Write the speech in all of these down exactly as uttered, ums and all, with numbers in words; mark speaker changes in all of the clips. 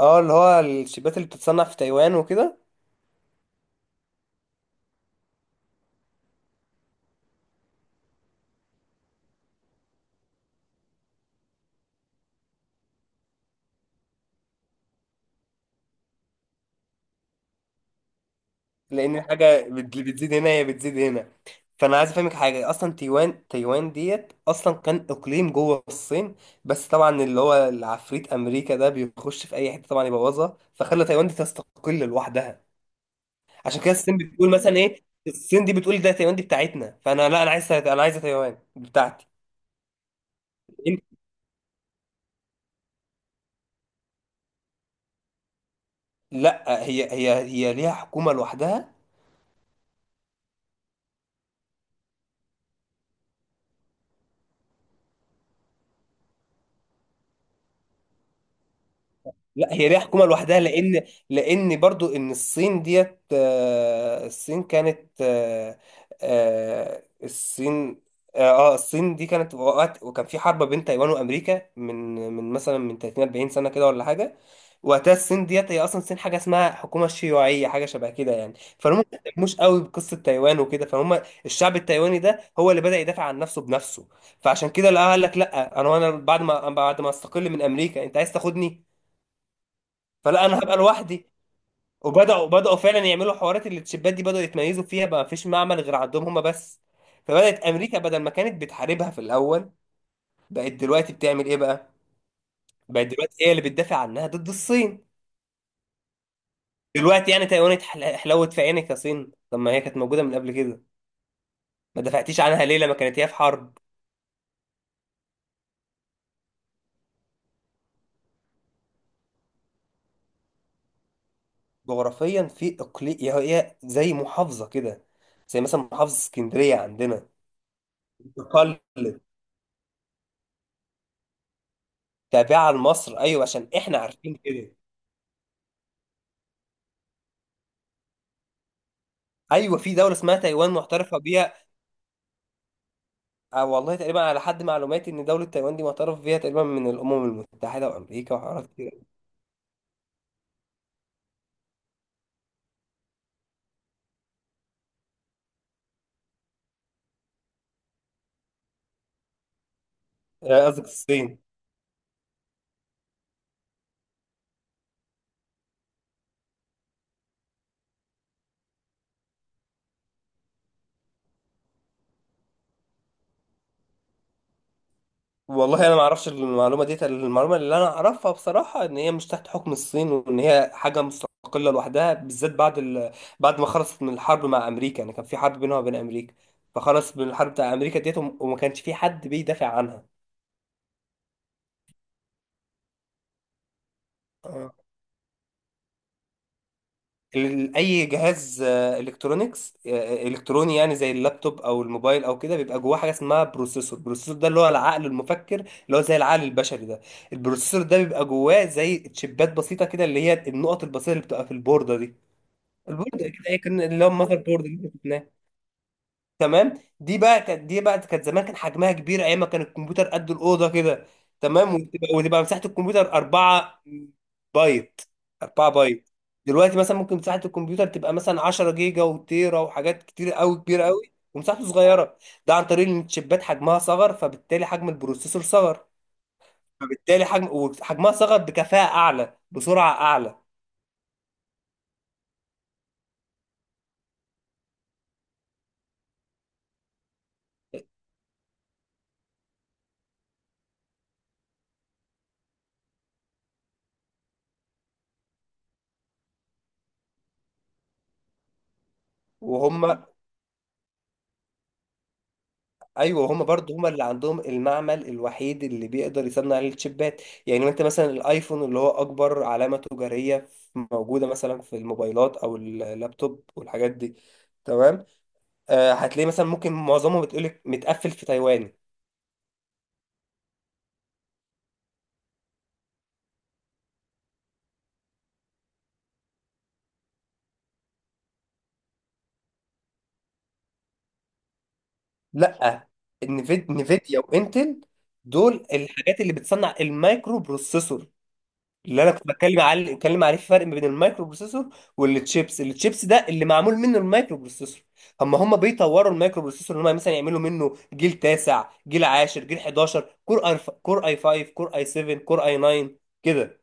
Speaker 1: اه اللي هو الشيبات اللي بتتصنع في تايوان وكده. لان اه الحاجه بت- اللي بتزيد هنا هي بتزيد هنا. فانا عايز افهمك حاجه، اصلا تايوان، تايوان ديت اصلا كان اقليم جوه الصين. بس طبعا اللي هو العفريت امريكا ده بيخش في اي حته طبعا يبوظها، فخلى تايوان دي تستقل لوحدها. عشان كده الصين بتقول مثلا ايه، الصين دي بتقول ده تايوان دي بتاعتنا، فانا لا، انا عايز انا عايزه تايوان بتاعتي. لا، هي هي هي ليها حكومه لوحدها. لا هي ليها حكومه لوحدها، لان لان برضو ان الصين ديت، آه، الصين كانت، آه، آه، الصين، اه آه، الصين دي كانت وقت، وكان في حرب بين تايوان وامريكا من من مثلا من تلاتين اربعين سنه كده ولا حاجه. وقتها الصين ديت، هي اصلا الصين حاجه اسمها حكومه شيوعيه، حاجه شبه كده يعني. فهم ما مش قوي بقصه تايوان وكده. فهم الشعب التايواني ده هو اللي بدا يدافع عن نفسه بنفسه. فعشان كده لا، قال لك لا، انا وانا بعد ما بعد ما استقل من امريكا انت عايز تاخدني؟ فلا، انا هبقى لوحدي. وبداوا بداوا فعلا يعملوا حوارات، اللي الشباب دي بداوا يتميزوا فيها، بقى مفيش معمل غير عندهم هما بس. فبدات امريكا بدل ما كانت بتحاربها في الاول، بقت دلوقتي بتعمل ايه بقى؟ بقت دلوقتي هي اللي بتدافع عنها ضد الصين. دلوقتي يعني تايوان اتحل- حلوت في عينك يا صين؟ طب ما هي كانت موجوده من قبل كده، ما دفعتيش عنها ليه لما كانت هي في حرب؟ جغرافيا في اقليم، هي هي زي محافظه كده، زي مثلا محافظه اسكندريه عندنا. تقلد تابعه لمصر، ايوه عشان احنا عارفين كده. ايوه في دوله اسمها تايوان معترفه بيها. آه والله تقريبا على حد معلوماتي ان دوله تايوان دي معترف بيها تقريبا من الامم المتحده وامريكا وحوارات كتير. آه، قصدك الصين. والله انا ما اعرفش المعلومه دي، المعلومه اللي انا اعرفها بصراحه ان هي مش تحت حكم الصين، وان هي حاجه مستقله لوحدها، بالذات بعد ال... بعد ما خلصت من الحرب مع امريكا. يعني كان في حرب بينها وبين امريكا، فخلص من الحرب بتاع امريكا ديت، وم- وما كانش في حد بيدافع عنها. آه. ال- اي جهاز الكترونيكس، الكتروني، يعني زي اللابتوب او الموبايل او كده، بيبقى جواه حاجه اسمها بروسيسور. البروسيسور ده اللي هو العقل المفكر، اللي هو زي العقل البشري ده. البروسيسور ده بيبقى جواه زي تشيبات بسيطه كده، اللي هي النقط البسيطه اللي بتبقى في البورده دي. البورده كده هي كان اللي هو المذر بورد. تمام، دي بقى كانت دي بقى كانت زمان كان حجمها كبير، ايام ما كان الكمبيوتر قد الاوضه كده. تمام، وتبقى وتبقى مساحه الكمبيوتر اربعة بايت، اربعة بايت. دلوقتي مثلا ممكن مساحه الكمبيوتر تبقى مثلا عشرة جيجا وتيرا وحاجات كتير قوي، كبيره قوي ومساحته صغيره. ده عن طريق ان الشيبات حجمها صغر، فبالتالي حجم البروسيسور صغر، فبالتالي حجم، وحجمها صغر بكفاءه اعلى بسرعه اعلى. وهم، ايوه هما برضو هما اللي عندهم المعمل الوحيد اللي بيقدر يصنع الشيبات. يعني انت مثلا الايفون اللي هو اكبر علامة تجارية موجودة مثلا في الموبايلات او اللابتوب والحاجات دي، تمام، آه هتلاقي مثلا ممكن معظمهم بتقولك متقفل في تايوان. لا، نفيد، نفيديا وانتل دول الحاجات اللي بتصنع المايكرو بروسيسور. اللي انا كنت بتكلم عليه، بتكلم عليه في فرق ما بين المايكرو بروسيسور والتشيبس. التشيبس ده اللي معمول منه المايكرو بروسيسور. هم هم بيطوروا المايكرو بروسيسور، ان هم مثلا يعملوا منه جيل تاسع، جيل عاشر، جيل حداشر، كور اي، كور اي خمسة، كور اي سبعة، كور اي تسعة، كده.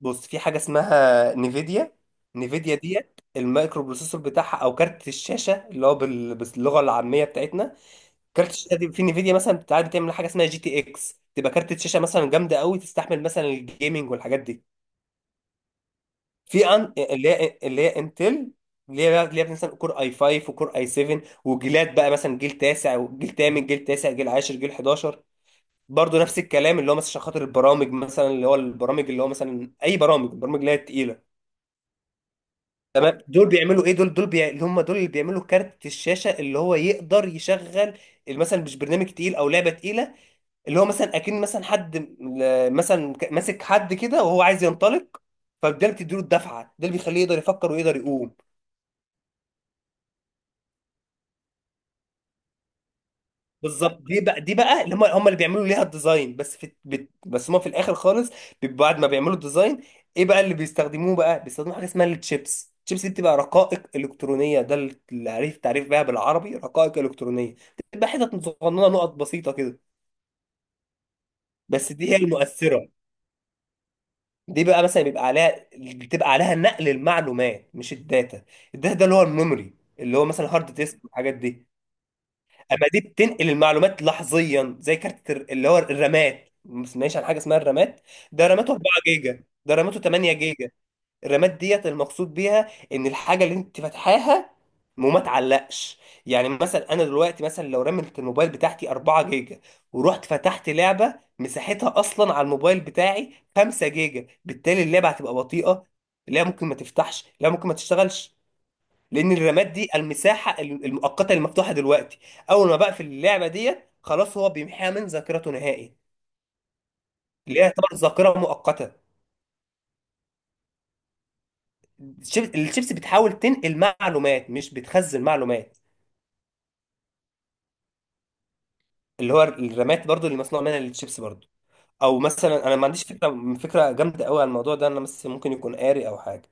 Speaker 1: بص، في حاجه اسمها نيفيديا. نيفيديا ديت المايكرو بروسيسور بتاعها، او كارت الشاشه اللي هو بال- باللغه العاميه بتاعتنا. كارت الشاشه دي في نيفيديا مثلا بتاعت، بتعمل حاجه اسمها جي تي اكس، تبقى كارت الشاشه مثلا جامده قوي تستحمل مثلا الجيمنج والحاجات دي. في أن... اللي هي اللي هي انتل، اللي هي بقى- اللي هي مثلا كور اي خمسة وكور اي سبعة، وجيلات بقى مثلا جيل تاسع وجيل تامن، جيل تاسع، جيل عشرة، جيل حداشر. برضه نفس الكلام، اللي هو مثلا عشان خاطر البرامج، مثلا اللي هو البرامج، اللي هو مثلا اي برامج، البرامج اللي هي التقيله. تمام، دول بيعملوا ايه؟ دول دول بي... اللي هم دول اللي بيعملوا كارت الشاشه اللي هو يقدر يشغل ال- مثلا مش برنامج تقيل او لعبه تقيله. اللي هو مثلا اكن مثلا حد م- مثلا ك- ماسك حد كده وهو عايز ينطلق، فده اللي بتديله الدفعه، ده اللي بيخليه يقدر يفكر ويقدر يقوم. بالظبط، دي بقى دي بقى اللي هم هم اللي بيعملوا ليها الديزاين. بس في بت- بس هم في الاخر خالص بيبقوا بعد ما بيعملوا الديزاين، ايه بقى اللي بيستخدموه؟ بقى بيستخدموا حاجه اسمها التشيبس. التشيبس دي بتبقى رقائق الكترونيه، ده التعريف، تعريف بيها بالعربي رقائق الكترونيه، بتبقى حتت صغننه، نقط بسيطه كده. بس دي هي المؤثره. دي بقى مثلا بيبقى عليها بتبقى عليها نقل المعلومات مش الداتا. الداتا ده اللي هو الميموري، اللي هو مثلا هارد ديسك والحاجات دي. اما دي بتنقل المعلومات لحظيا، زي كارت الر- اللي هو الرامات. ما سمعناش عن حاجه اسمها الرامات؟ ده راماته اربعة جيجا، ده راماته تمنية جيجا. الرامات ديت المقصود بيها ان الحاجه اللي انت فاتحاها وما تعلقش. يعني مثلا انا دلوقتي مثلا لو رميت الموبايل بتاعتي اربعة جيجا، ورحت فتحت لعبه مساحتها اصلا على الموبايل بتاعي خمسة جيجا، بالتالي اللعبه هتبقى بطيئه، لا ممكن ما تفتحش، لا ممكن ما تشتغلش. لان الرماد دي المساحه المؤقته المفتوحه دلوقتي. اول ما بقفل اللعبه ديت خلاص هو بيمحيها من ذاكرته نهائي، اللي هي طبعا ذاكره مؤقته. الشيب- الشيبس بتحاول تنقل معلومات، مش بتخزن معلومات. اللي هو الرامات برضو اللي مصنوع منها الشيبس برضو. او مثلا انا ما عنديش فكره، فكره جامده قوي عن الموضوع ده، انا بس ممكن يكون قاري او حاجه.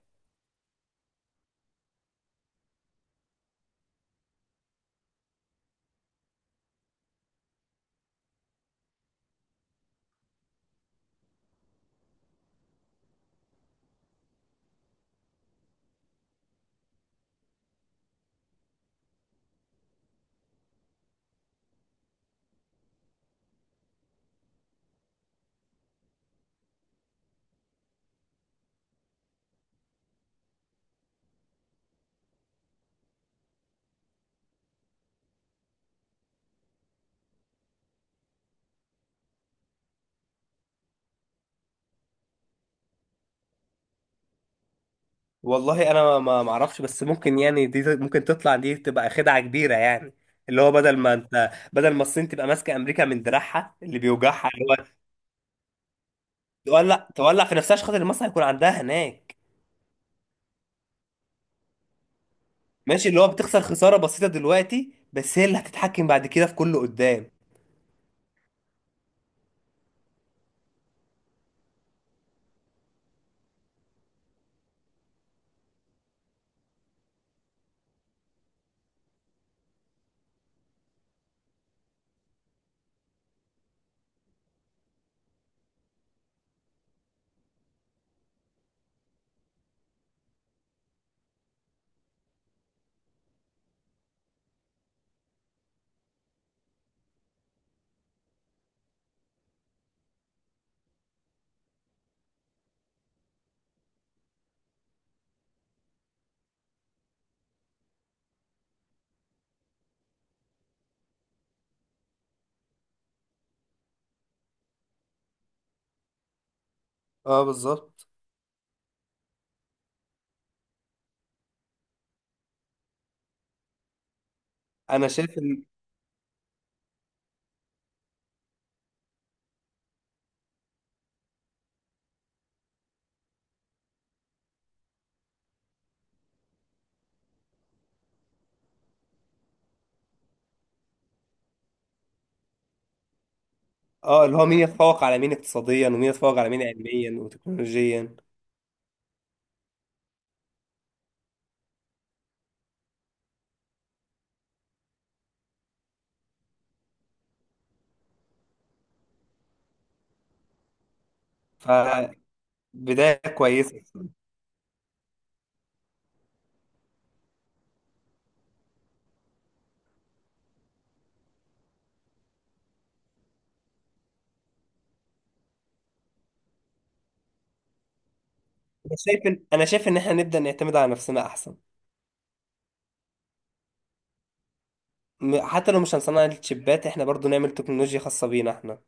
Speaker 1: والله انا ما ما اعرفش، بس ممكن يعني دي ممكن تطلع دي تبقى خدعه كبيره يعني. اللي هو بدل ما انت، بدل ما الصين تبقى ماسكه امريكا من دراعها اللي بيوجعها، تولع تولع في نفسها عشان خاطر المصنع يكون عندها هناك. ماشي، اللي هو بتخسر خسارة بسيطة دلوقتي، بس هي اللي هتتحكم بعد كده في كله قدام. اه بالظبط. انا شايف ان، اه اللي هو مين يتفوق على مين اقتصاديا، ومين يتفوق على مين علميا وتكنولوجيا. فبداية كويسة، انا شايف ان انا شايف ان احنا نبدأ نعتمد على نفسنا احسن. م- حتى لو مش هنصنع الشيبات، احنا برضو نعمل تكنولوجيا خاصة بينا احنا.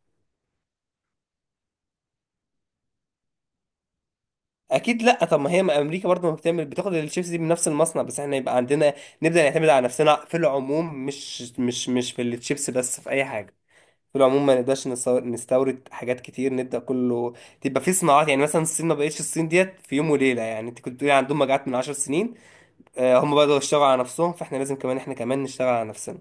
Speaker 1: اكيد لا، طب ما هي، ما امريكا برضه ما بتعمل بتاخد الشيبس دي من نفس المصنع، بس احنا يبقى عندنا. نبدا نعتمد على نفسنا في العموم، مش مش مش في الشيبس بس، في اي حاجه، في العموم ما نقدرش نستور- نستورد حاجات كتير، نبدا كله تبقى في صناعات. يعني مثلا الصين ما بقتش الصين ديت في يوم وليله، يعني انت كنت بتقولي عندهم مجاعات من عشر سنين. آه، هم بداوا يشتغلوا على نفسهم، فاحنا لازم كمان، احنا كمان نشتغل على نفسنا.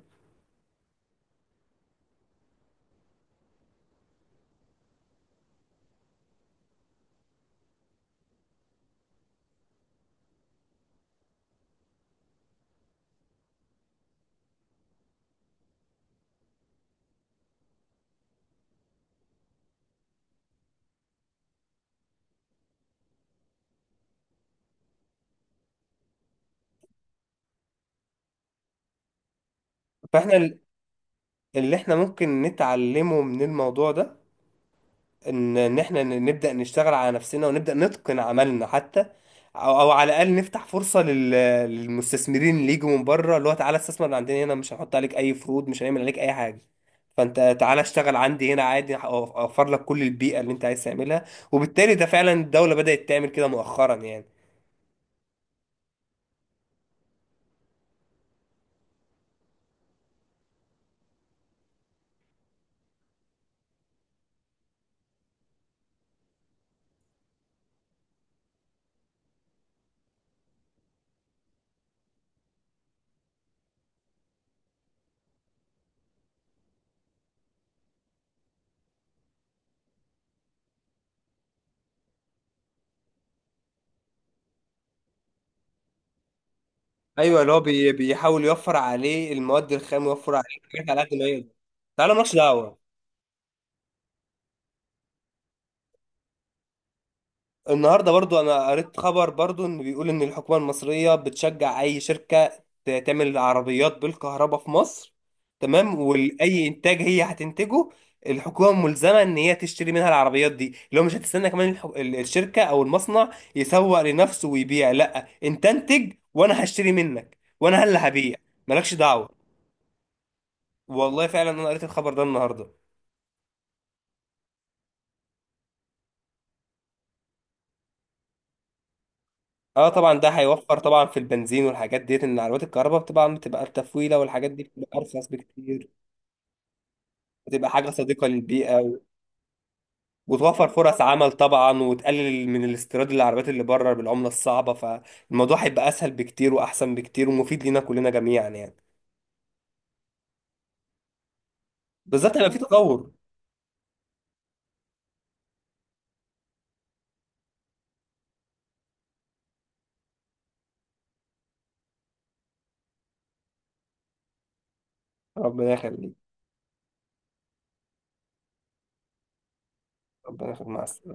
Speaker 1: فاحنا ال- اللي احنا ممكن نتعلمه من الموضوع ده، ان ان احنا ن- نبدا نشتغل على نفسنا ونبدا نتقن عملنا حتى، او او على الاقل نفتح فرصه لل- للمستثمرين اللي يجوا من بره، اللي هو تعالى استثمر من عندنا هنا، مش هنحط عليك اي فروض، مش هنعمل عليك اي حاجه، فانت تعالى اشتغل عندي هنا عادي، هأو- اوفر لك كل البيئه اللي انت عايز تعملها. وبالتالي ده فعلا الدوله بدات تعمل كده مؤخرا يعني. ايوه، اللي هو بي- بيحاول يوفر عليه المواد الخام ويوفر عليه الحاجات على قد ما يقدر. تعالى مالكش دعوه. النهارده برضو انا قريت خبر برضو، ان بيقول ان الحكومه المصريه بتشجع اي شركه ت- تعمل عربيات بالكهرباء في مصر، تمام؟ واي انتاج هي هتنتجه الحكومه ملزمه ان هي تشتري منها العربيات دي. اللي هو مش هتستنى كمان الح- ال- الشركه او المصنع يسوق لنفسه ويبيع، لا، انت انتج وانا هشتري منك وانا اللي هبيع. مالكش دعوه. والله فعلا انا قريت الخبر ده النهارده. اه طبعا ده هيوفر طبعا في البنزين والحاجات ديت، ان عربيات الكهرباء طبعا بتبقى التفويله والحاجات دي بتبقى ارخص بكتير. بتبقى حاجه صديقه للبيئه، و- وتوفر فرص عمل طبعا، وتقلل من الاستيراد للعربيات اللي بره بالعمله الصعبه، فالموضوع هيبقى اسهل بكتير واحسن بكتير ومفيد لينا كلنا جميعا يعني، بالذات لو في تطور. ربنا يخليك. ربنا يخليك، مع السلامه.